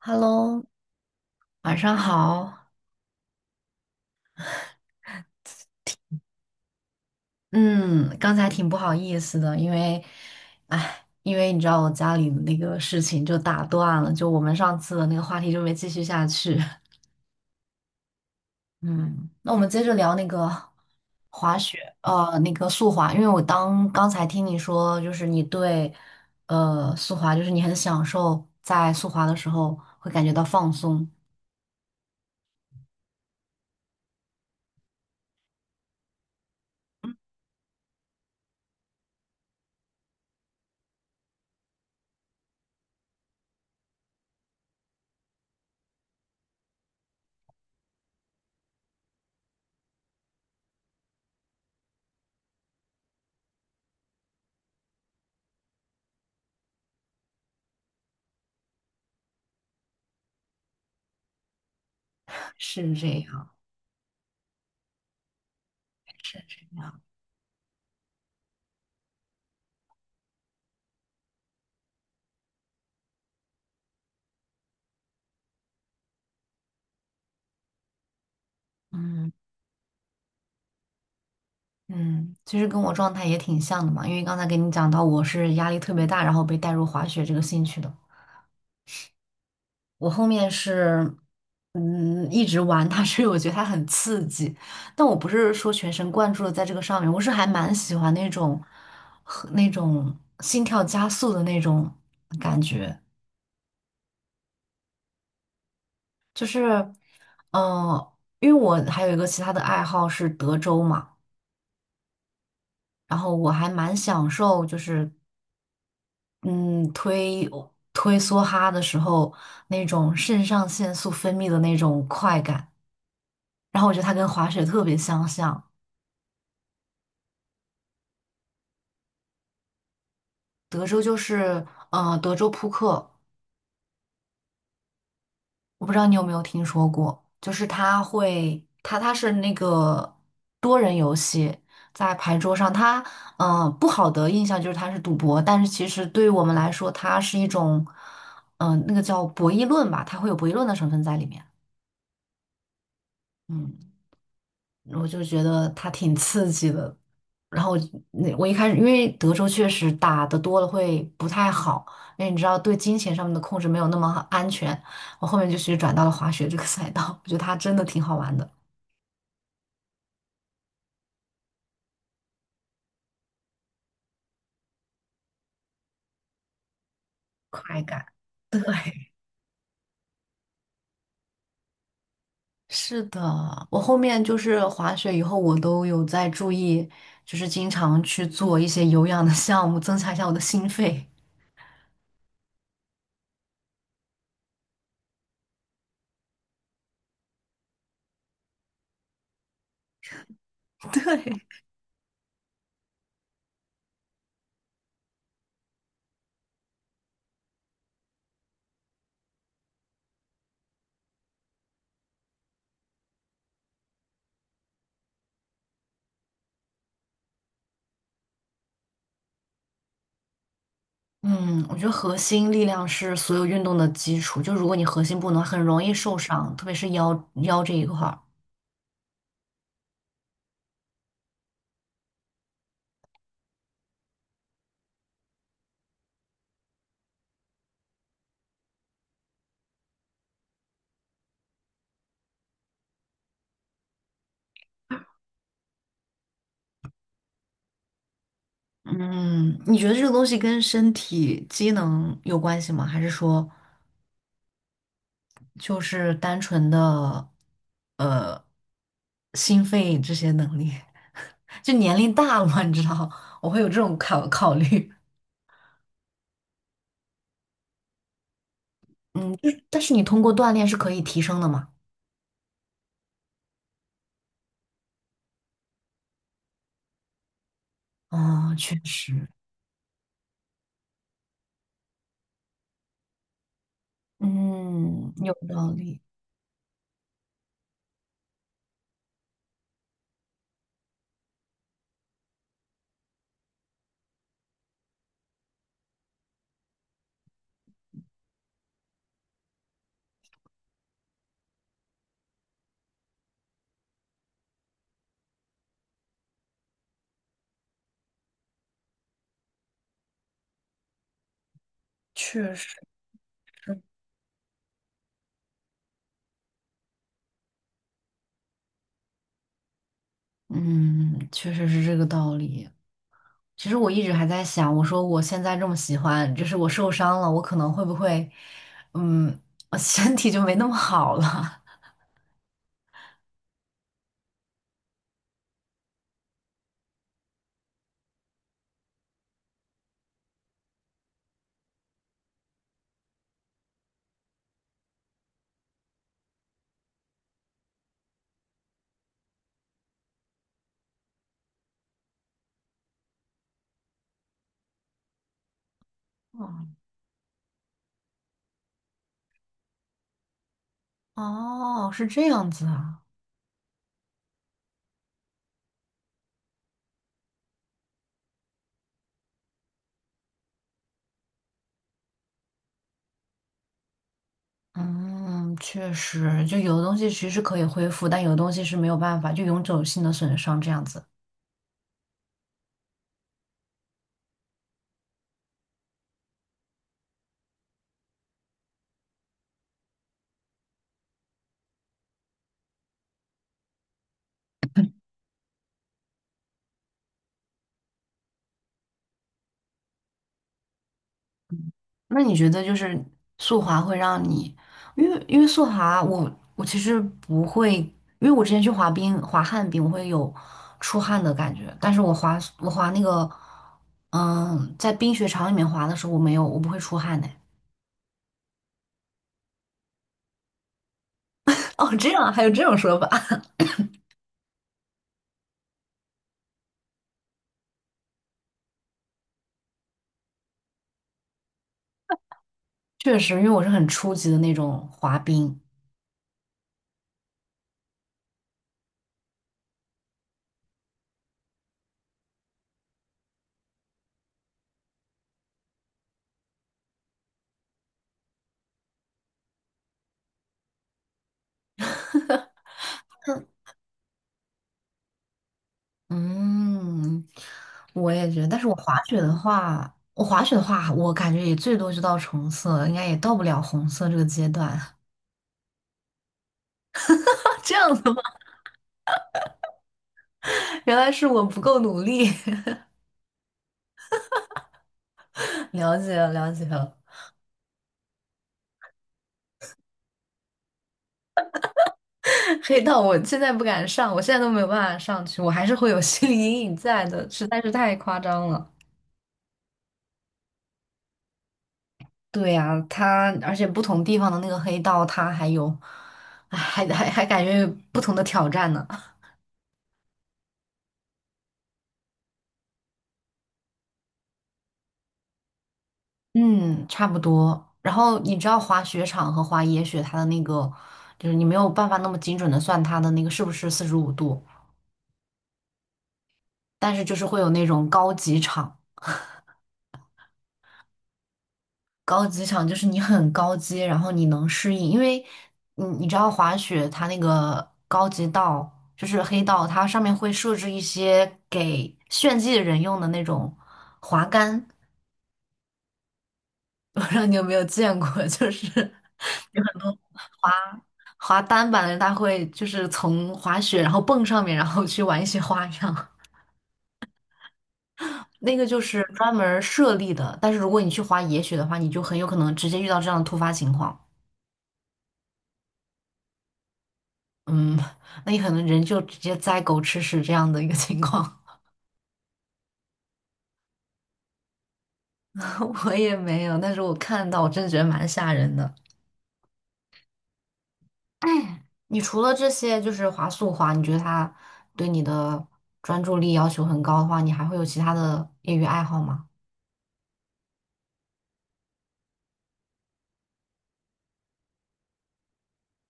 Hello，晚上好。嗯，刚才挺不好意思的，哎，因为你知道我家里的那个事情就打断了，就我们上次的那个话题就没继续下去。嗯，那我们接着聊那个滑雪，那个速滑，因为我刚才听你说，就是你对，速滑，就是你很享受在速滑的时候会感觉到放松，是这样，是这样。嗯。嗯，其实跟我状态也挺像的嘛，因为刚才给你讲到我是压力特别大，然后被带入滑雪这个兴趣的。我后面是，一直玩它，所以我觉得它很刺激，但我不是说全神贯注的在这个上面，我是还蛮喜欢那种和那种心跳加速的那种感觉，就是，嗯、因为我还有一个其他的爱好是德州嘛，然后我还蛮享受就是嗯，推推梭哈的时候，那种肾上腺素分泌的那种快感，然后我觉得它跟滑雪特别相像。德州就是，德州扑克，我不知道你有没有听说过，就是它会，它它是那个多人游戏，在牌桌上，不好的印象就是它是赌博，但是其实对于我们来说，它是一种，那个叫博弈论吧，它会有博弈论的成分在里面。嗯。我就觉得它挺刺激的。然后那我一开始，因为德州确实打的多了会不太好，因为你知道对金钱上面的控制没有那么安全。我后面就是转到了滑雪这个赛道，我觉得它真的挺好玩的，快感。对，是的，我后面就是滑雪以后，我都有在注意，就是经常去做一些有氧的项目，增强一下我的心肺。对。嗯，我觉得核心力量是所有运动的基础。就如果你核心不能，很容易受伤，特别是腰这一块儿。嗯，你觉得这个东西跟身体机能有关系吗？还是说就是单纯的呃心肺这些能力？就年龄大了嘛，你知道，我会有这种考虑。但是你通过锻炼是可以提升的嘛？哦，确实，嗯，有道理。确实。嗯，确实是这个道理。其实我一直还在想，我说我现在这么喜欢，就是我受伤了，我可能会不会，嗯，我身体就没那么好了。嗯，哦，是这样子啊。嗯，确实，就有的东西其实是可以恢复，但有的东西是没有办法，就永久性的损伤这样子。那你觉得就是速滑会让你，因为速滑我其实不会，因为我之前去滑冰滑旱冰，我会有出汗的感觉，但是我滑那个，在冰雪场里面滑的时候，我没有，我不会出汗的。哦，这样啊还有这种说法？确实，因为我是很初级的那种滑冰。嗯，我也觉得，但是我滑雪的话我感觉也最多就到橙色，应该也到不了红色这个阶段。这样子原来是我不够努力，了解了，了解了。黑道我现在不敢上，我现在都没有办法上去，我还是会有心理阴影在的，实在是太夸张了。对呀，他而且不同地方的那个黑道，他还有，哎，还感觉有不同的挑战呢。嗯，差不多。然后你知道滑雪场和滑野雪，它的那个就是你没有办法那么精准的算它的那个是不是四十五度，但是就是会有那种高级场。高级场就是你很高阶，然后你能适应，因为你知道滑雪它那个高级道就是黑道，它上面会设置一些给炫技的人用的那种滑杆，我不知道你有没有见过，就是有很多滑滑单板的人，他会就是从滑雪然后蹦上面，然后去玩一些花样。那个就是专门儿设立的，但是如果你去滑野雪的话，你就很有可能直接遇到这样的突发情况。嗯，那你可能人就直接栽狗吃屎这样的一个情况，我也没有，但是我看到我真的觉得蛮吓人的。哎你除了这些就是滑速滑，你觉得它对你的专注力要求很高的话，你还会有其他的业余爱好吗？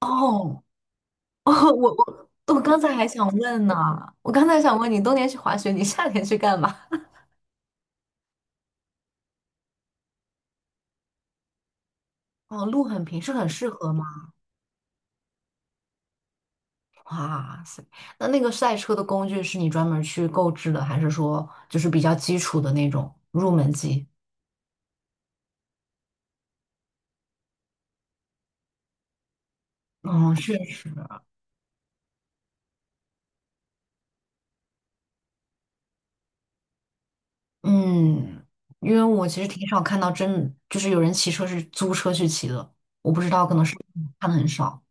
哦，哦，我刚才还想问呢，我刚才想问你，冬天去滑雪，你夏天去干嘛？哦，路很平，是很适合吗？哇塞，那个赛车的工具是你专门儿去购置的，还是说就是比较基础的那种入门级？嗯，是，嗯，因为我其实挺少看到真就是有人骑车是租车去骑的，我不知道，可能是看的很少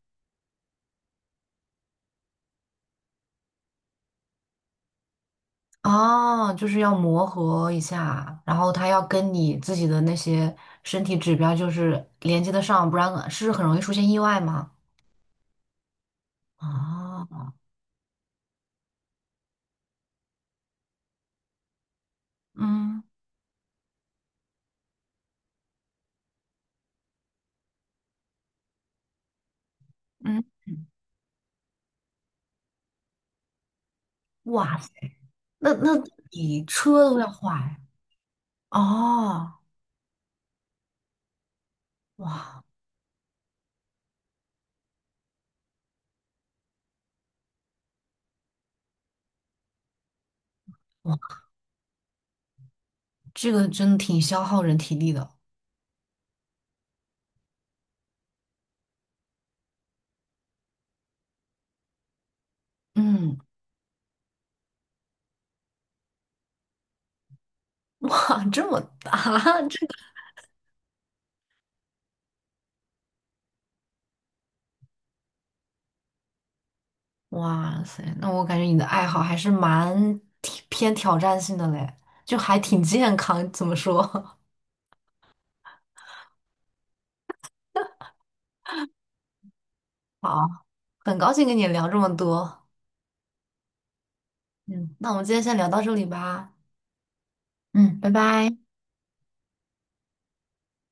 啊，就是要磨合一下，然后它要跟你自己的那些身体指标就是连接得上，不然是很容易出现意外吗？啊，嗯嗯，哇。那你车都要坏哦，哇哇，这个真的挺消耗人体力的。嗯，哇，这么大，这个哇塞，那我感觉你的爱好还是蛮挺偏挑战性的嘞，就还挺健康，怎么说？好，很高兴跟你聊这么多。嗯，那我们今天先聊到这里吧。嗯，拜拜。